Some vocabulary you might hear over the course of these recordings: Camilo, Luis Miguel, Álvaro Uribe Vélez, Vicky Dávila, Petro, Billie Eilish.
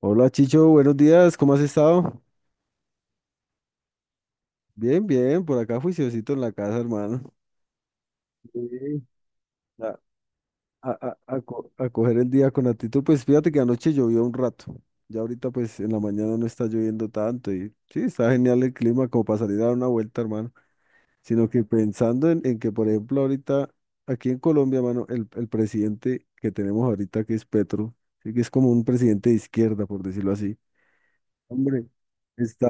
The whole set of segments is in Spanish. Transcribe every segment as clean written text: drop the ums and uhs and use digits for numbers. Hola Chicho, buenos días, ¿cómo has estado? Bien, por acá juiciosito en la casa, hermano. Sí. A, a coger el día con actitud, pues fíjate que anoche llovió un rato, ya ahorita pues en la mañana no está lloviendo tanto y sí, está genial el clima como para salir a dar una vuelta, hermano, sino que pensando en que, por ejemplo, ahorita aquí en Colombia, hermano, el presidente que tenemos ahorita que es Petro, sí que es como un presidente de izquierda, por decirlo así. Hombre, está,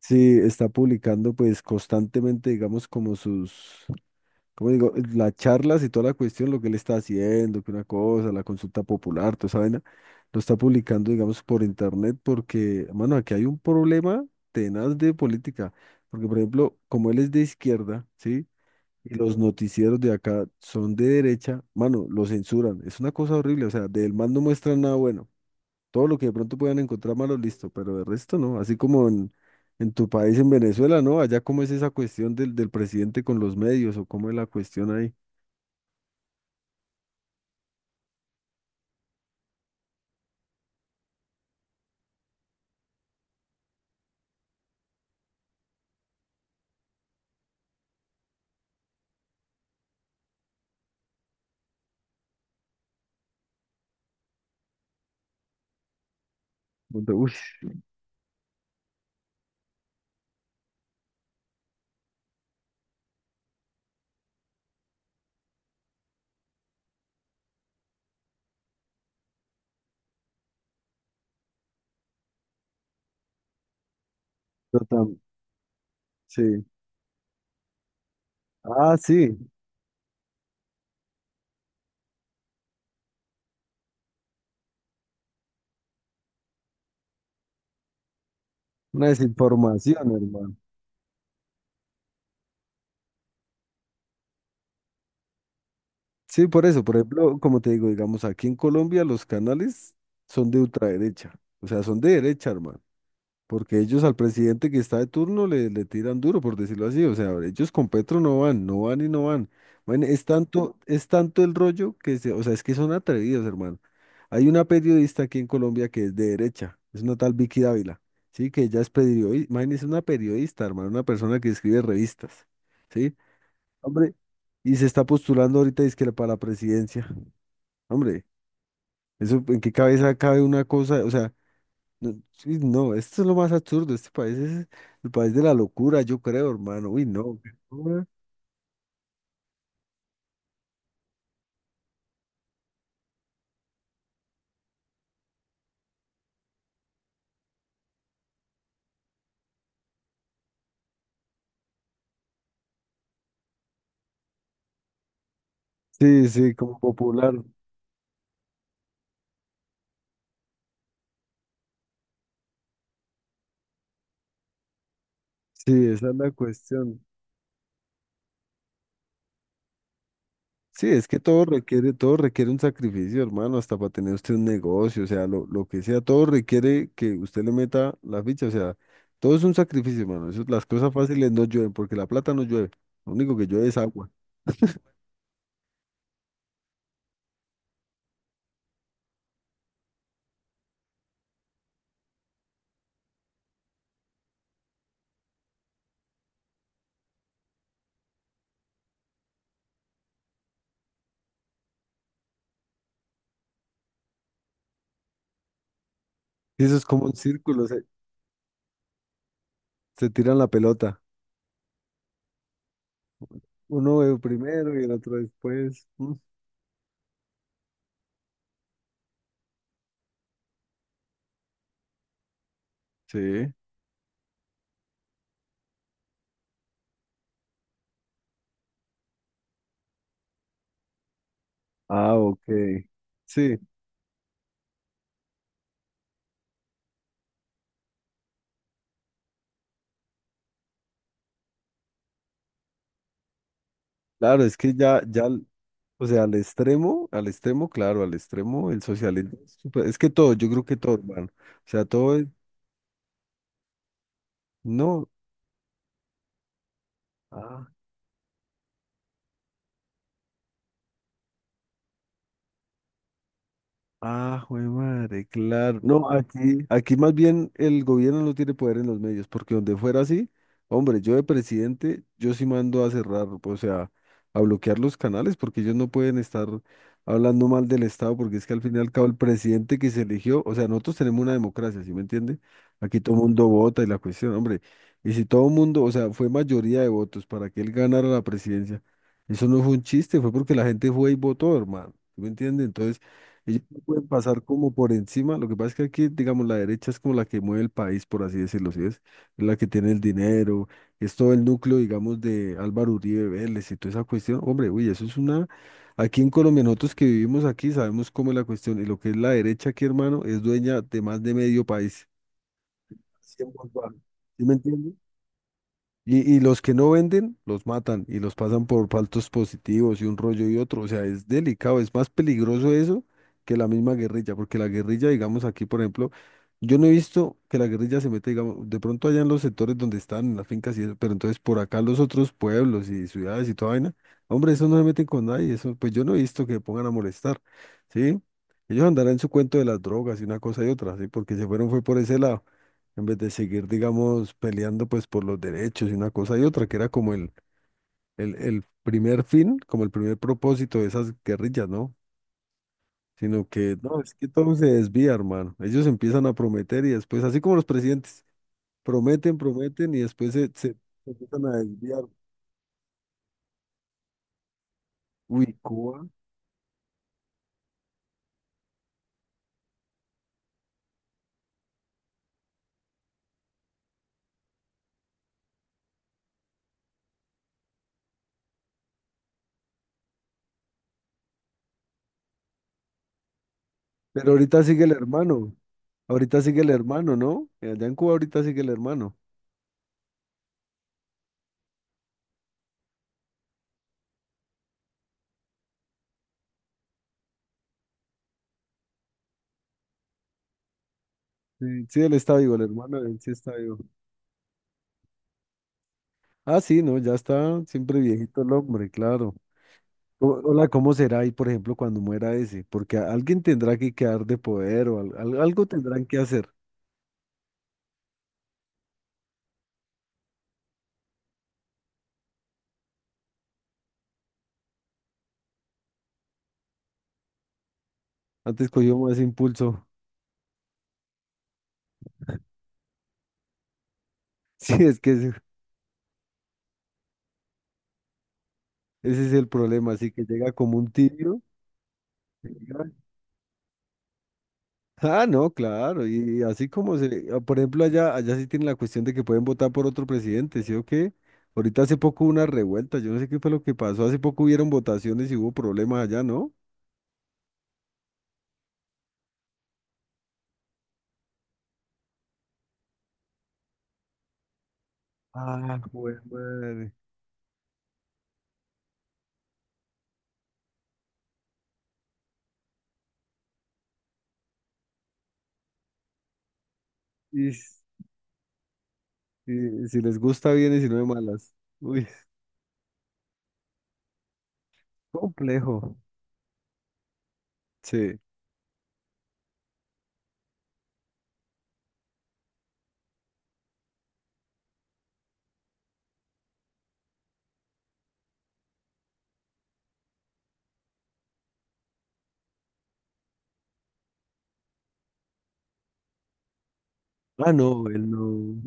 sí, está publicando pues constantemente, digamos, como sus, como digo, las charlas y toda la cuestión, lo que él está haciendo, que una cosa, la consulta popular, toda esa vaina, lo está publicando, digamos, por internet, porque, mano, aquí hay un problema tenaz de política, porque, por ejemplo, como él es de izquierda, ¿sí? Y los noticieros de acá son de derecha, mano, lo censuran, es una cosa horrible, o sea, del man no muestran nada bueno. Todo lo que de pronto puedan encontrar malo, listo, pero de resto no. Así como en tu país, en Venezuela, ¿no? Allá, ¿cómo es esa cuestión del presidente con los medios o cómo es la cuestión ahí? Donde, uy, yo tam- sí. Ah, sí, una desinformación, hermano. Sí, por eso, por ejemplo, como te digo, digamos, aquí en Colombia los canales son de ultraderecha, o sea, son de derecha, hermano. Porque ellos al presidente que está de turno le tiran duro, por decirlo así. O sea, ellos con Petro no van, no van y no van. Bueno, es tanto el rollo que se, o sea, es que son atrevidos, hermano. Hay una periodista aquí en Colombia que es de derecha, es una tal Vicky Dávila, ¿sí? Que ella es periodista, imagínese una periodista, hermano, una persona que escribe revistas, ¿sí? Hombre, y se está postulando ahorita, es que para la presidencia. Hombre, eso, ¿en qué cabeza cabe una cosa? O sea, no, sí, no, esto es lo más absurdo. Este país es el país de la locura, yo creo, hermano. Uy, no, qué locura. Sí, sí, como popular. Sí, esa es la cuestión. Sí, es que todo requiere un sacrificio, hermano, hasta para tener usted un negocio, o sea, lo que sea, todo requiere que usted le meta la ficha, o sea, todo es un sacrificio, hermano. Eso, las cosas fáciles no llueven, porque la plata no llueve. Lo único que llueve es agua. Y eso es como un círculo, se tiran la pelota. Uno primero y el otro después. Mm. Sí. Ah, ok. Sí, claro, es que o sea, al extremo, claro, al extremo, el socialismo, es súper... es que todo, yo creo que todo, hermano. O sea, todo es, no. Ah, jue madre, claro. No, aquí más bien el gobierno no tiene poder en los medios, porque donde fuera así, hombre, yo de presidente, yo sí mando a cerrar, o sea, a bloquear los canales, porque ellos no pueden estar hablando mal del Estado, porque es que al fin y al cabo el presidente que se eligió, o sea, nosotros tenemos una democracia, ¿sí me entiende? Aquí todo el mundo vota y la cuestión, hombre, y si todo el mundo, o sea, fue mayoría de votos para que él ganara la presidencia, eso no fue un chiste, fue porque la gente fue y votó, hermano, ¿sí me entiende? Entonces... Ellos no pueden pasar como por encima. Lo que pasa es que aquí, digamos, la derecha es como la que mueve el país, por así decirlo, ¿sí ves? Es la que tiene el dinero, es todo el núcleo, digamos, de Álvaro Uribe Vélez y toda esa cuestión. Hombre, uy, eso es una... Aquí en Colombia, nosotros que vivimos aquí, sabemos cómo es la cuestión. Y lo que es la derecha aquí, hermano, es dueña de más de medio país. Así en voz baja. ¿Sí me entiendes? Y los que no venden, los matan y los pasan por faltos positivos y un rollo y otro. O sea, es delicado, es más peligroso eso que la misma guerrilla, porque la guerrilla, digamos aquí, por ejemplo, yo no he visto que la guerrilla se meta digamos, de pronto allá en los sectores donde están, en las fincas y eso, pero entonces por acá los otros pueblos y ciudades y toda vaina, hombre, eso no se meten con nadie, eso, pues yo no he visto que pongan a molestar, ¿sí? Ellos andarán en su cuento de las drogas y una cosa y otra, ¿sí? Porque se fueron fue por ese lado en vez de seguir, digamos, peleando pues por los derechos y una cosa y otra, que era como el primer fin, como el primer propósito de esas guerrillas, ¿no? Sino que, no, es que todo se desvía, hermano. Ellos empiezan a prometer y después, así como los presidentes, prometen, prometen y después se empiezan a desviar. Uy, Cuba. Pero ahorita sigue el hermano, ¿no? Allá en Cuba ahorita sigue el hermano. Sí, sí, él está vivo, el hermano, él sí está vivo. Ah, sí, no, ya está siempre viejito el hombre, claro. Hola, ¿cómo será ahí, por ejemplo, cuando muera ese? Porque alguien tendrá que quedar de poder o algo tendrán que hacer. Antes cogió más impulso. Sí, es que ese es el problema. Así que llega como un tibio. llega- Ah, no, claro. Y así como se, ah, por ejemplo, allá, allá sí tiene la cuestión de que pueden votar por otro presidente, ¿sí o qué? Ahorita hace poco hubo una revuelta, yo no sé qué fue lo que pasó. Hace poco hubieron votaciones y hubo problemas allá, ¿no? Ah, jue madre. Y, s- y si les gusta bien y si no de malas. Uy. Complejo. Sí. Ah, no, él no.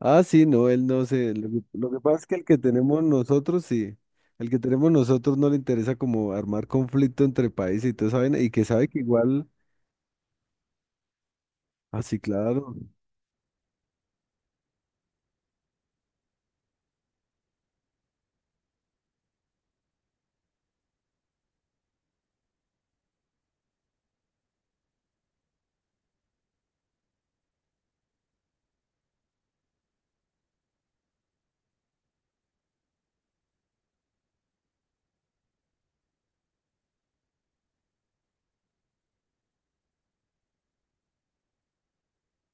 Ah, sí, no, él no se. Lo que pasa es que el que tenemos nosotros, sí. El que tenemos nosotros no le interesa como armar conflicto entre países y todo, ¿saben? Y que sabe que igual. Ah, sí, claro.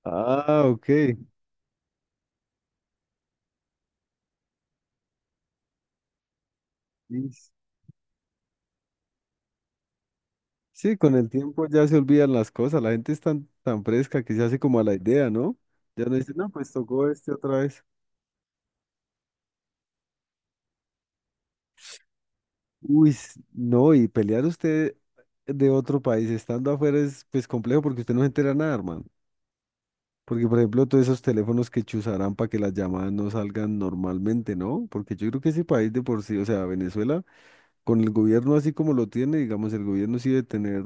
Ah, ok. Sí, s- sí, con el tiempo ya se olvidan las cosas. La gente es tan fresca que se hace como a la idea, ¿no? Ya no dice, no, pues tocó este otra vez. No, y pelear usted de otro país estando afuera es pues complejo porque usted no se entera nada, hermano. Porque, por ejemplo, todos esos teléfonos que chuzarán para que las llamadas no salgan normalmente, ¿no? Porque yo creo que ese país de por sí, o sea, Venezuela, con el gobierno así como lo tiene, digamos, el gobierno sí debe tener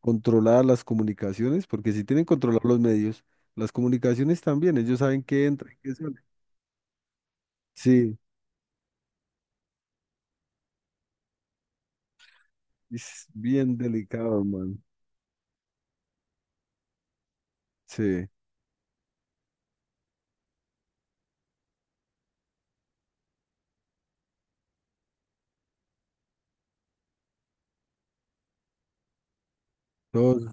controladas las comunicaciones, porque sí tienen controlados los medios, las comunicaciones también, ellos saben qué entra y qué sale. Sí, es bien delicado, man. Sí, todos,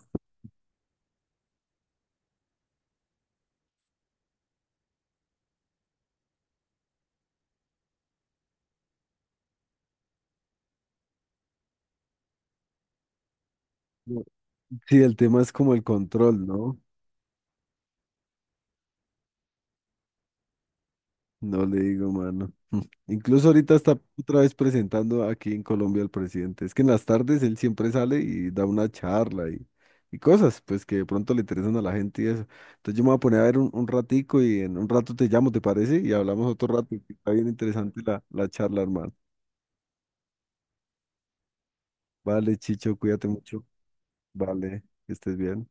sí, el tema es como el control, ¿no? No le digo, mano. Mm. Incluso ahorita está otra vez presentando aquí en Colombia al presidente. Es que en las tardes él siempre sale y da una charla y cosas, pues que de pronto le interesan a la gente y eso. Entonces yo me voy a poner a ver un ratico y en un rato te llamo, ¿te parece? Y hablamos otro rato, que está bien interesante la, la charla, hermano. Vale, Chicho, cuídate mucho. Vale, que estés bien.